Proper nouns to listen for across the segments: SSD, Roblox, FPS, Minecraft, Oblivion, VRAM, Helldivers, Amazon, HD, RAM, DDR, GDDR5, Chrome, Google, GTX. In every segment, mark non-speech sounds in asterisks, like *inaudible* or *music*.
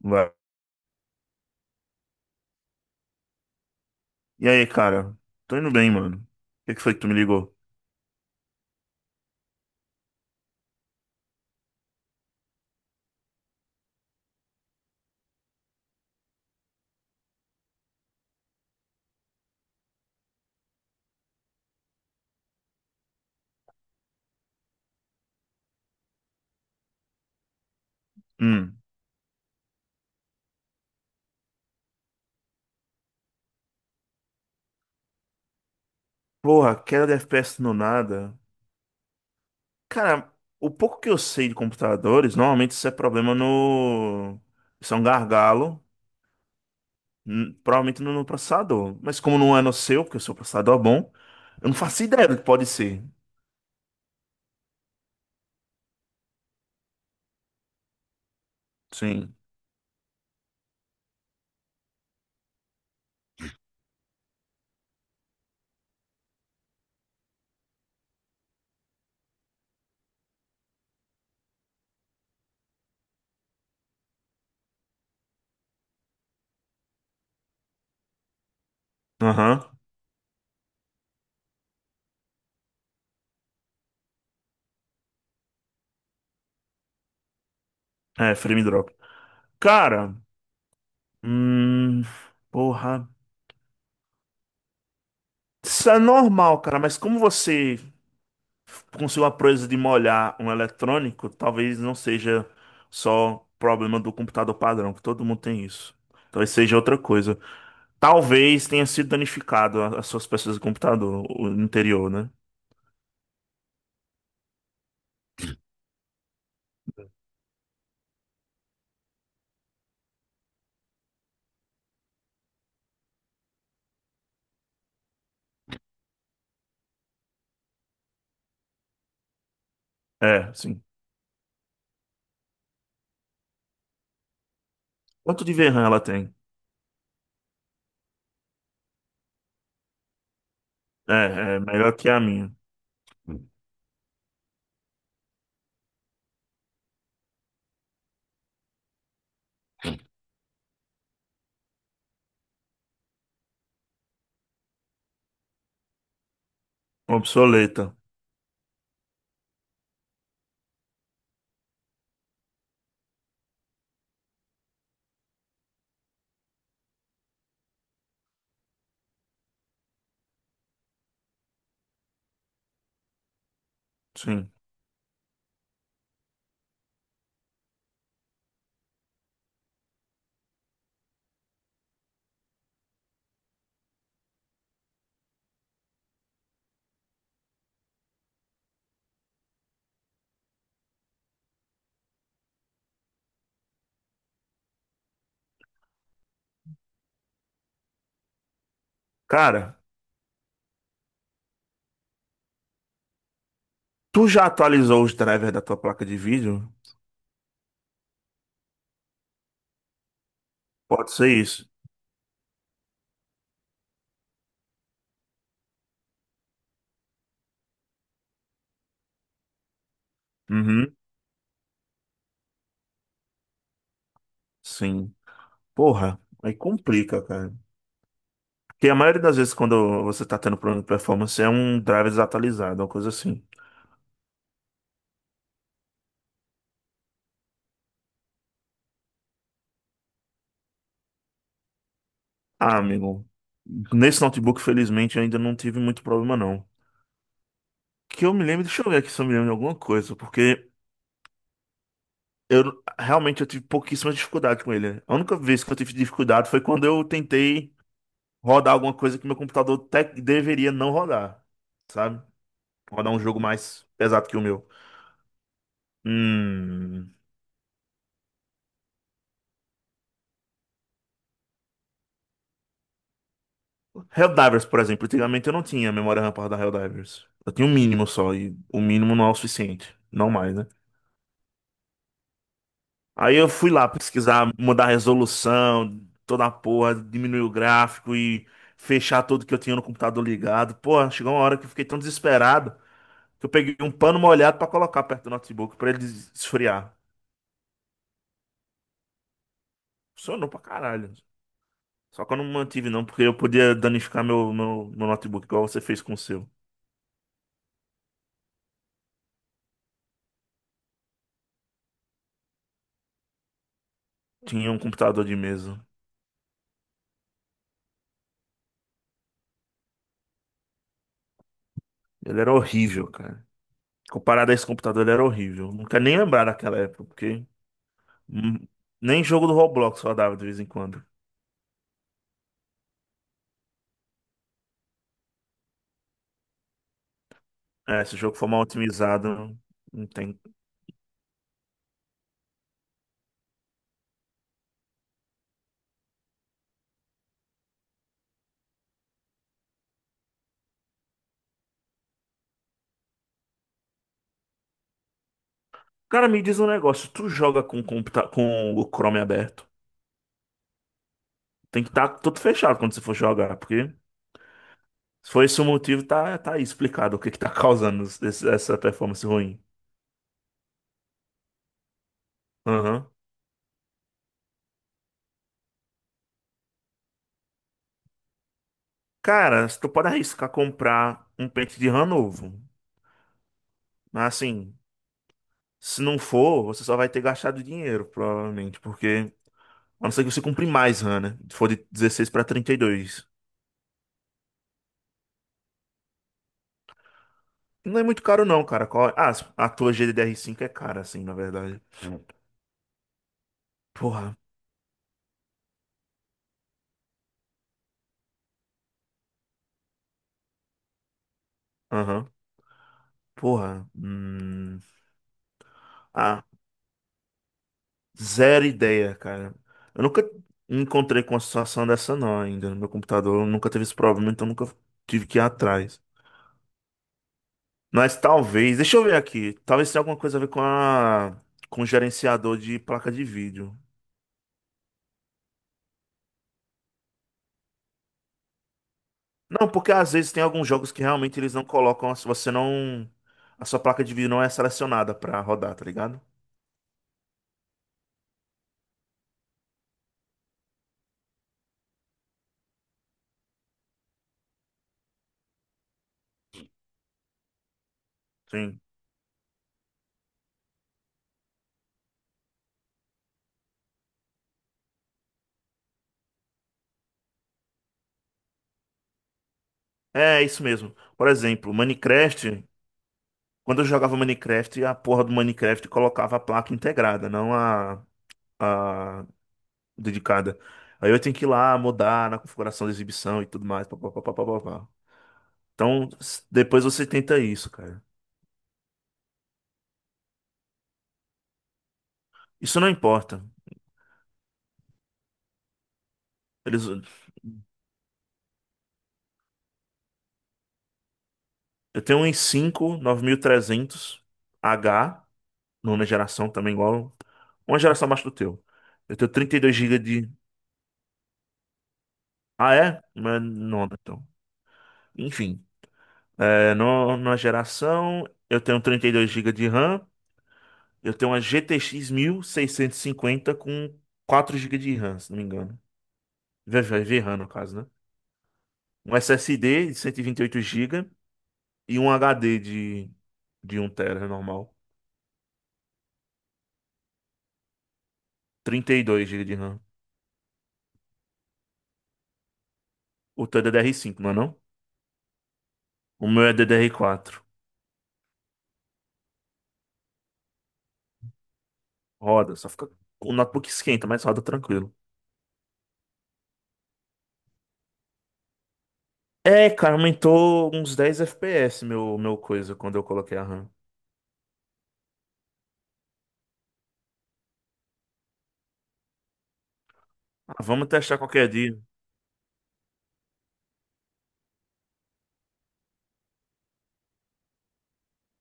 Vai. E aí, cara? Tô indo bem, mano. O que que foi que tu me ligou? Hum. Porra, queda de FPS no nada. Cara, o pouco que eu sei de computadores, normalmente isso é problema no. Isso é um gargalo. Provavelmente no processador. Mas como não é no seu, porque o seu processador é bom, eu não faço ideia do que pode ser. Sim. Aham. É, frame drop. Cara, hum. Porra. Isso é normal, cara, mas como você com sua proeza de molhar um eletrônico, talvez não seja só problema do computador padrão, que todo mundo tem isso. Talvez seja outra coisa. Talvez tenha sido danificado as suas peças do computador, o interior, né? É, sim. Quanto de VRAM ela tem? É, é melhor que a minha. Obsoleta. Sim. Cara, tu já atualizou os drivers da tua placa de vídeo? Pode ser isso. Uhum. Sim. Porra, aí complica, cara. Que a maioria das vezes, quando você está tendo problema de performance, é um driver desatualizado, uma coisa assim. Ah, amigo, nesse notebook, felizmente, eu ainda não tive muito problema, não. Que eu me lembro, deixa eu ver aqui se eu me lembro de alguma coisa, porque eu realmente eu tive pouquíssima dificuldade com ele. A única vez que eu tive dificuldade foi quando eu tentei rodar alguma coisa que meu computador deveria não rodar, sabe? Rodar um jogo mais pesado que o meu. Hum. Helldivers, por exemplo, antigamente eu não tinha memória RAM para da Helldivers. Eu tinha um mínimo só, e o mínimo não é o suficiente, não mais, né? Aí eu fui lá pesquisar, mudar a resolução, toda a porra, diminuir o gráfico e fechar tudo que eu tinha no computador ligado. Porra, chegou uma hora que eu fiquei tão desesperado que eu peguei um pano molhado pra colocar perto do notebook pra ele esfriar. Funcionou pra caralho. Só que eu não mantive não, porque eu podia danificar meu notebook, igual você fez com o seu. Tinha um computador de mesa. Ele era horrível, cara. Comparado a esse computador, ele era horrível. Não quero nem lembrar daquela época, porque hum, nem jogo do Roblox só dava de vez em quando. É, se o jogo for mal otimizado, não tem. Cara, me diz um negócio. Tu joga com, computa com o Chrome aberto? Tem que estar tudo fechado quando você for jogar, porque se for esse o motivo, tá, tá aí explicado o que que tá *laughs* causando essa performance ruim. Aham. Cara, tu pode arriscar comprar um pente de RAM novo. Mas assim, se não for, você só vai ter gastado dinheiro, provavelmente, porque. A não ser que você compre mais RAM, né? Se for de 16 para 32. Não é muito caro não, cara. Qual... Ah, a tua GDDR5 é cara, assim, na verdade. Porra. Aham. Porra. Hum. Ah, zero ideia, cara. Eu nunca me encontrei com uma situação dessa não ainda no meu computador. Eu Nunca teve esse problema, então nunca tive que ir atrás. Mas talvez... Deixa eu ver aqui. Talvez tenha alguma coisa a ver com a... com o gerenciador de placa de vídeo. Não, porque às vezes tem alguns jogos que realmente eles não colocam, se você não. A sua placa de vídeo não é selecionada pra rodar, tá ligado? Sim. É, é isso mesmo. Por exemplo, Minecraft, quando eu jogava Minecraft, a porra do Minecraft colocava a placa integrada, não a, a dedicada. Aí eu tenho que ir lá mudar na configuração da exibição e tudo mais. Pá, pá, pá, pá, pá, pá, pá. Então, depois você tenta isso, cara. Isso não importa. Eles, eu tenho um i5 5 9300 h nona geração também, igual. Uma geração abaixo do teu. Eu tenho 32 gigas de. Ah, é? Mas nona, então. Enfim, é, no, numa geração, eu tenho 32 gigas de RAM. Eu tenho uma GTX cinquenta com 4 gigas de RAM, se não me engano. VRAM, no caso, né? Um SSD de 128 gigas e um HD de um tera normal. 32 gigas de RAM. O teu é ddr cinco não é não? O meu é ddr quatro. Roda, só fica. O notebook esquenta, mas roda tranquilo. É, cara, aumentou uns 10 FPS meu coisa quando eu coloquei a RAM. Ah, vamos testar qualquer dia.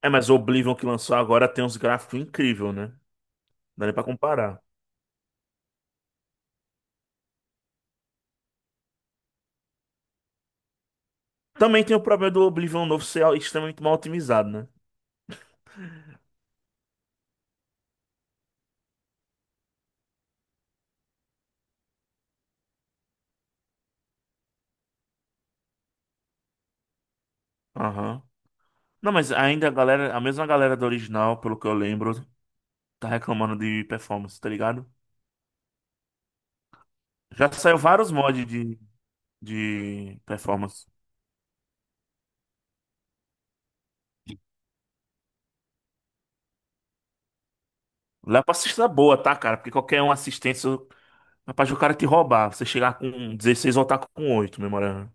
É, mas o Oblivion que lançou agora tem uns gráficos incríveis, né? Não dá nem pra comparar. Também tem o problema do Oblivion novo ser extremamente mal otimizado, né? Aham. Não, mas ainda a galera, a mesma galera do original, pelo que eu lembro, tá reclamando de performance, tá ligado? Já saiu vários mods de performance. Lá pra assistir é boa, tá, cara? Porque qualquer um assistência Rapaz, o cara te roubar, você chegar com 16 voltar com oito memorando.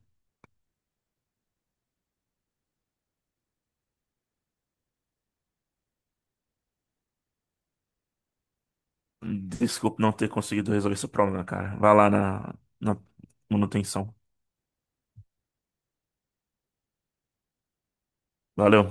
Desculpe não ter conseguido resolver esse problema, cara. Vai lá na, na manutenção. Valeu.